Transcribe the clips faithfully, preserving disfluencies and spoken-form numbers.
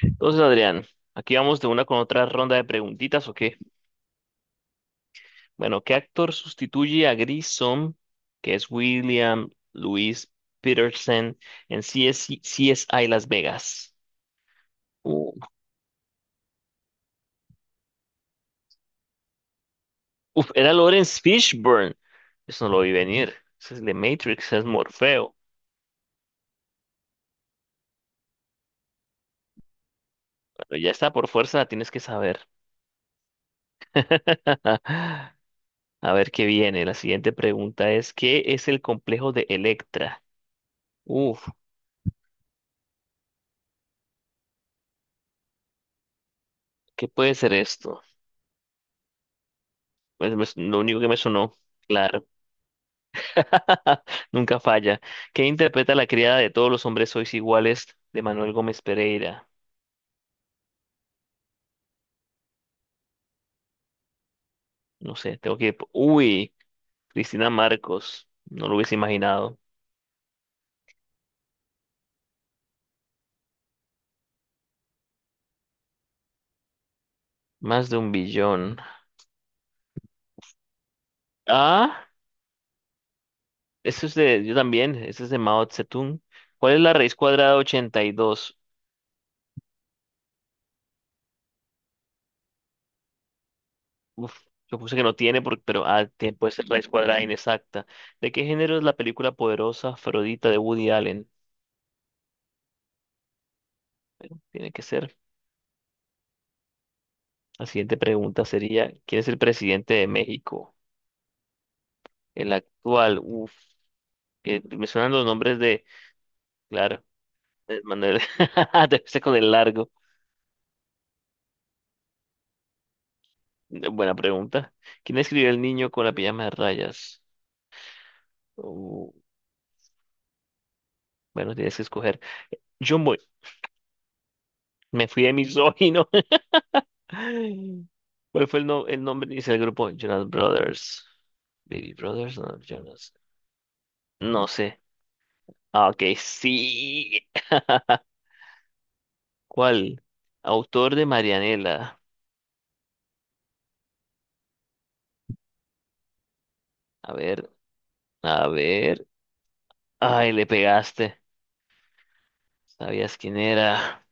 Entonces, Adrián, aquí vamos de una con otra ronda de preguntitas, ¿o qué? Bueno, ¿qué actor sustituye a Grissom, que es William Louis Peterson, en CS C S I Las Vegas? Uh, uf, Era Lawrence Fishburne. Eso no lo vi venir. Ese es de Matrix, es Morfeo. Pero ya está, por fuerza la tienes que saber. A ver qué viene. La siguiente pregunta es, ¿qué es el complejo de Electra? Uf, ¿Qué puede ser esto? Pues me- lo único que me sonó. Claro. Nunca falla. ¿Qué interpreta la criada de Todos los hombres sois iguales de Manuel Gómez Pereira? No sé, tengo que... Uy, Cristina Marcos. No lo hubiese imaginado. Más de un billón. Ah, eso es de... Yo también. Eso es de Mao Zedong. ¿Cuál es la raíz cuadrada de ochenta y dos? Uf, yo puse que no tiene, por- pero ah, tie- puede ser raíz cuadrada inexacta. ¿De qué género es la película Poderosa Afrodita de Woody Allen? Tiene que ser. La siguiente pregunta sería, ¿quién es el presidente de México? El actual, uff, que me suenan los nombres de, claro, de Manuel, debe ser con el largo. Eh, Buena pregunta. ¿Quién escribió El niño con la pijama de rayas? Uh, bueno, tienes que escoger. Yo voy, me fui de misógino. ¿Cuál fue el, no- el nombre inicial del grupo Jonas Brothers? Baby Brothers, no, Jonas. No sé. Ah, ok, sí. ¿Cuál? Autor de Marianela. A ver, a ver. Ay, le pegaste. ¿Sabías quién era?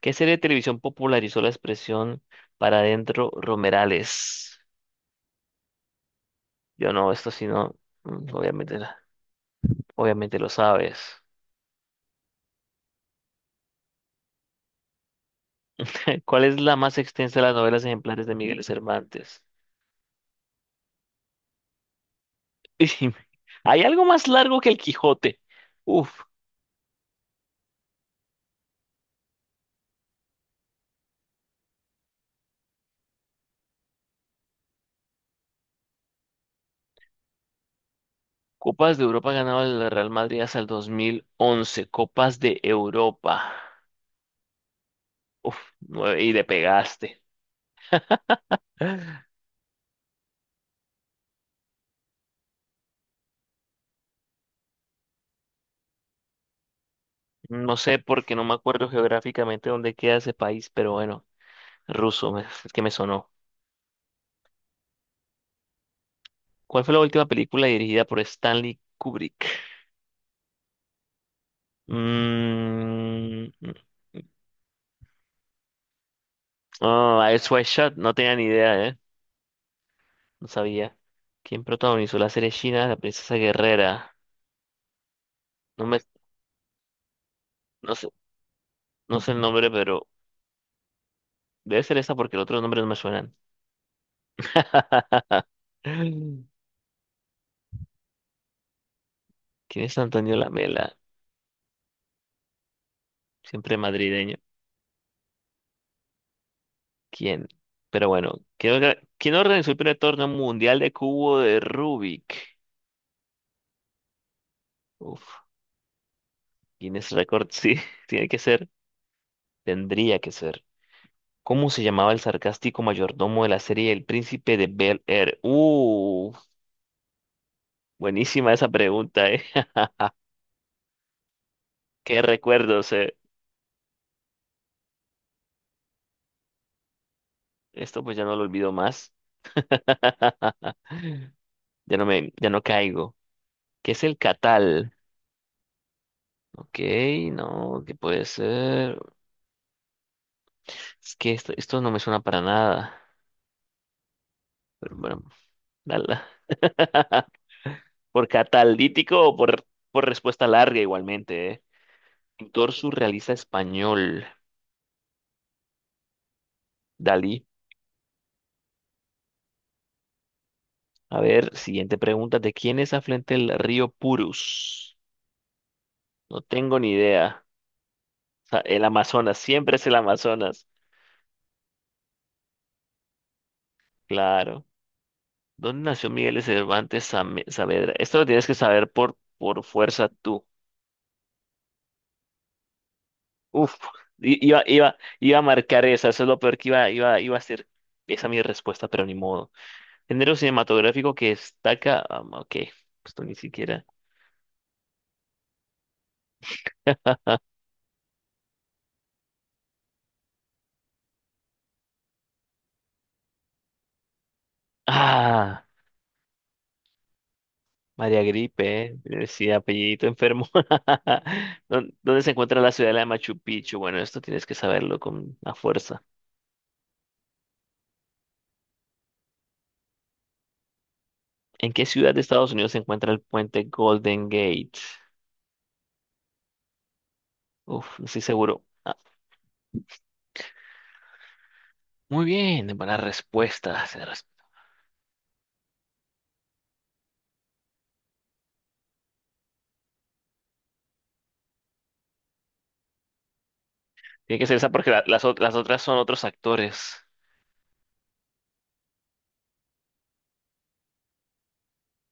¿Qué serie de televisión popularizó la expresión "para adentro, Romerales"? Yo no, esto sí no. Mm, obviamente, la- obviamente lo sabes. ¿Cuál es la más extensa de las Novelas ejemplares de Miguel Cervantes? ¿Hay algo más largo que el Quijote? Uf, Copas de Europa ganaba el Real Madrid hasta el dos mil once, Copas de Europa. Uf, nueve, y le pegaste. No sé porque no me acuerdo geográficamente dónde queda ese país, pero bueno. Ruso, me- es que me sonó. ¿Cuál fue la última película dirigida por Stanley Kubrick? Mm, oh, Eyes Wide Shut, no tenía ni idea, ¿eh? No sabía. ¿Quién protagonizó la serie china La Princesa Guerrera? No me, no sé, no sé el nombre, pero debe ser esa porque los otros nombres no me suenan. ¿Quién es Antonio Lamela? Siempre madrileño. ¿Quién? Pero bueno, ¿quién, orga- quién organizó el primer torneo mundial de cubo de Rubik? Uf. Guinness Record, sí, tiene que ser, tendría que ser. ¿Cómo se llamaba el sarcástico mayordomo de la serie El Príncipe de Bel Air? Uh, buenísima esa pregunta, ¿eh? Qué recuerdos, eh. Esto pues ya no lo olvido más. Ya no me, ya no caigo. ¿Qué es el catal? Ok, no, ¿qué puede ser? Es que esto, esto no me suena para nada. Pero bueno, dala. ¿Por catalítico o por, por respuesta larga igualmente, eh? Pintor surrealista español. Dalí. A ver, siguiente pregunta. ¿De quién es afluente el río Purus? No tengo ni idea. O sea, el Amazonas, siempre es el Amazonas. Claro. ¿Dónde nació Miguel de Cervantes Same- Saavedra? Esto lo tienes que saber por, por fuerza tú. Uf, i- iba, iba, iba a marcar esa, eso es lo peor que iba, iba, iba a hacer. Esa mi respuesta, pero ni modo. Género cinematográfico que destaca. Ah, ok, esto ni siquiera. Ah. María Gripe, eh, sí, apellidito enfermo. ¿Dó- ¿Dónde se encuentra la ciudad de Machu Picchu? Bueno, esto tienes que saberlo con la fuerza. ¿En qué ciudad de Estados Unidos se encuentra el puente Golden Gate? Uf, no estoy seguro. Ah, muy bien, buena respuesta. se res- Tiene que ser esa porque la- las, ot- las otras son otros actores.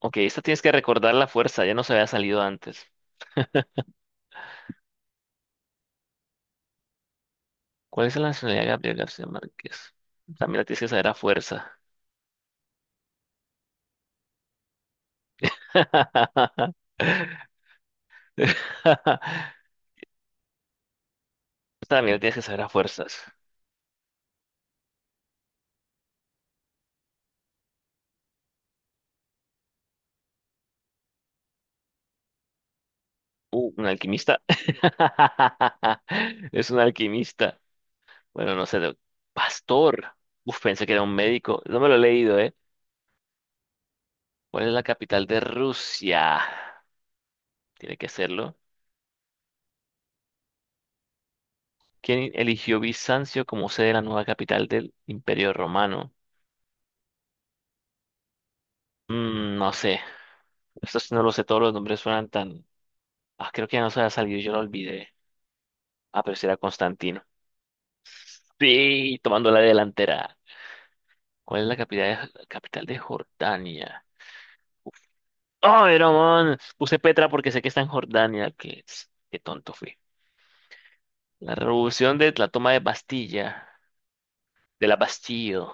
Ok, esta tienes que recordar la fuerza, ya no se había salido antes. ¿Cuál es la nacionalidad de Gabriel García Márquez? También la tienes que saber a fuerza. Esta también la tienes que saber a fuerzas. Uh, un alquimista. Es un alquimista. Bueno, no sé. de- Pastor. Uf, pensé que era un médico. No me lo he leído, ¿eh? ¿Cuál es la capital de Rusia? Tiene que serlo. ¿Quién eligió Bizancio como sede de la nueva capital del Imperio Romano? Mm, no sé. Esto sí no lo sé. Todos los nombres suenan tan. Ah, creo que ya no se ha salido. Yo lo olvidé. Ah, pero sí era Constantino. Sí, tomando la delantera. ¿Cuál es la capital de, capital de Jordania? Ay, no, man. Puse Petra porque sé que está en Jordania. Que, qué tonto fui. La revolución de la toma de Bastilla. De la Bastille.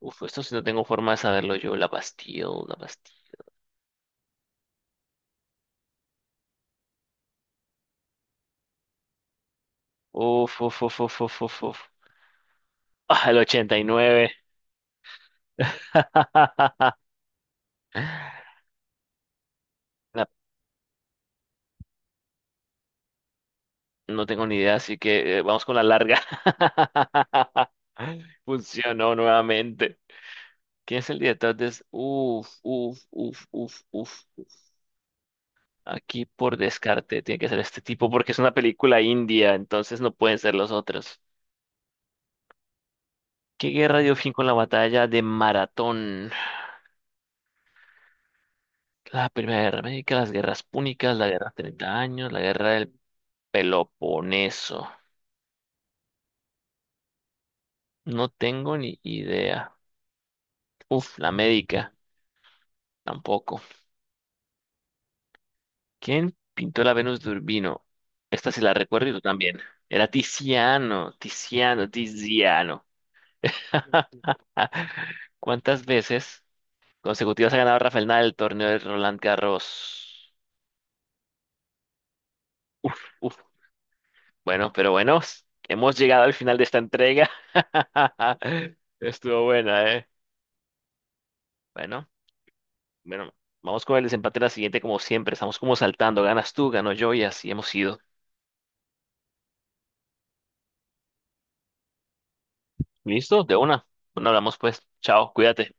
Uf, esto sí no tengo forma de saberlo yo. La Bastille, la Bastille. Uf, uf, uf, uf, uf, uf. Uf. Ah, el ochenta y nueve. La- no tengo ni idea, así que eh, vamos con la larga. Funcionó nuevamente. ¿Quién es el director de... es- Uf, uf, uf, uf, uf. Aquí por descarte tiene que ser este tipo porque es una película india, entonces no pueden ser los otros. ¿Qué guerra dio fin con la batalla de Maratón? La Primera Guerra Médica, las guerras púnicas, la guerra de Treinta años, la guerra del Peloponeso. No tengo ni idea. Uf, la médica, tampoco. ¿Quién pintó la Venus de Urbino? Esta sí la recuerdo y tú también. Era Tiziano, Tiziano, Tiziano. ¿Cuántas veces consecutivas ha ganado Rafael Nadal el torneo de Roland Garros? Uf, bueno, pero bueno, hemos llegado al final de esta entrega. Estuvo buena, ¿eh? Bueno, bueno, vamos con el desempate en la siguiente, como siempre. Estamos como saltando. Ganas tú, gano yo y así hemos ido. ¿Listo? De una. Bueno, hablamos pues. Chao, cuídate.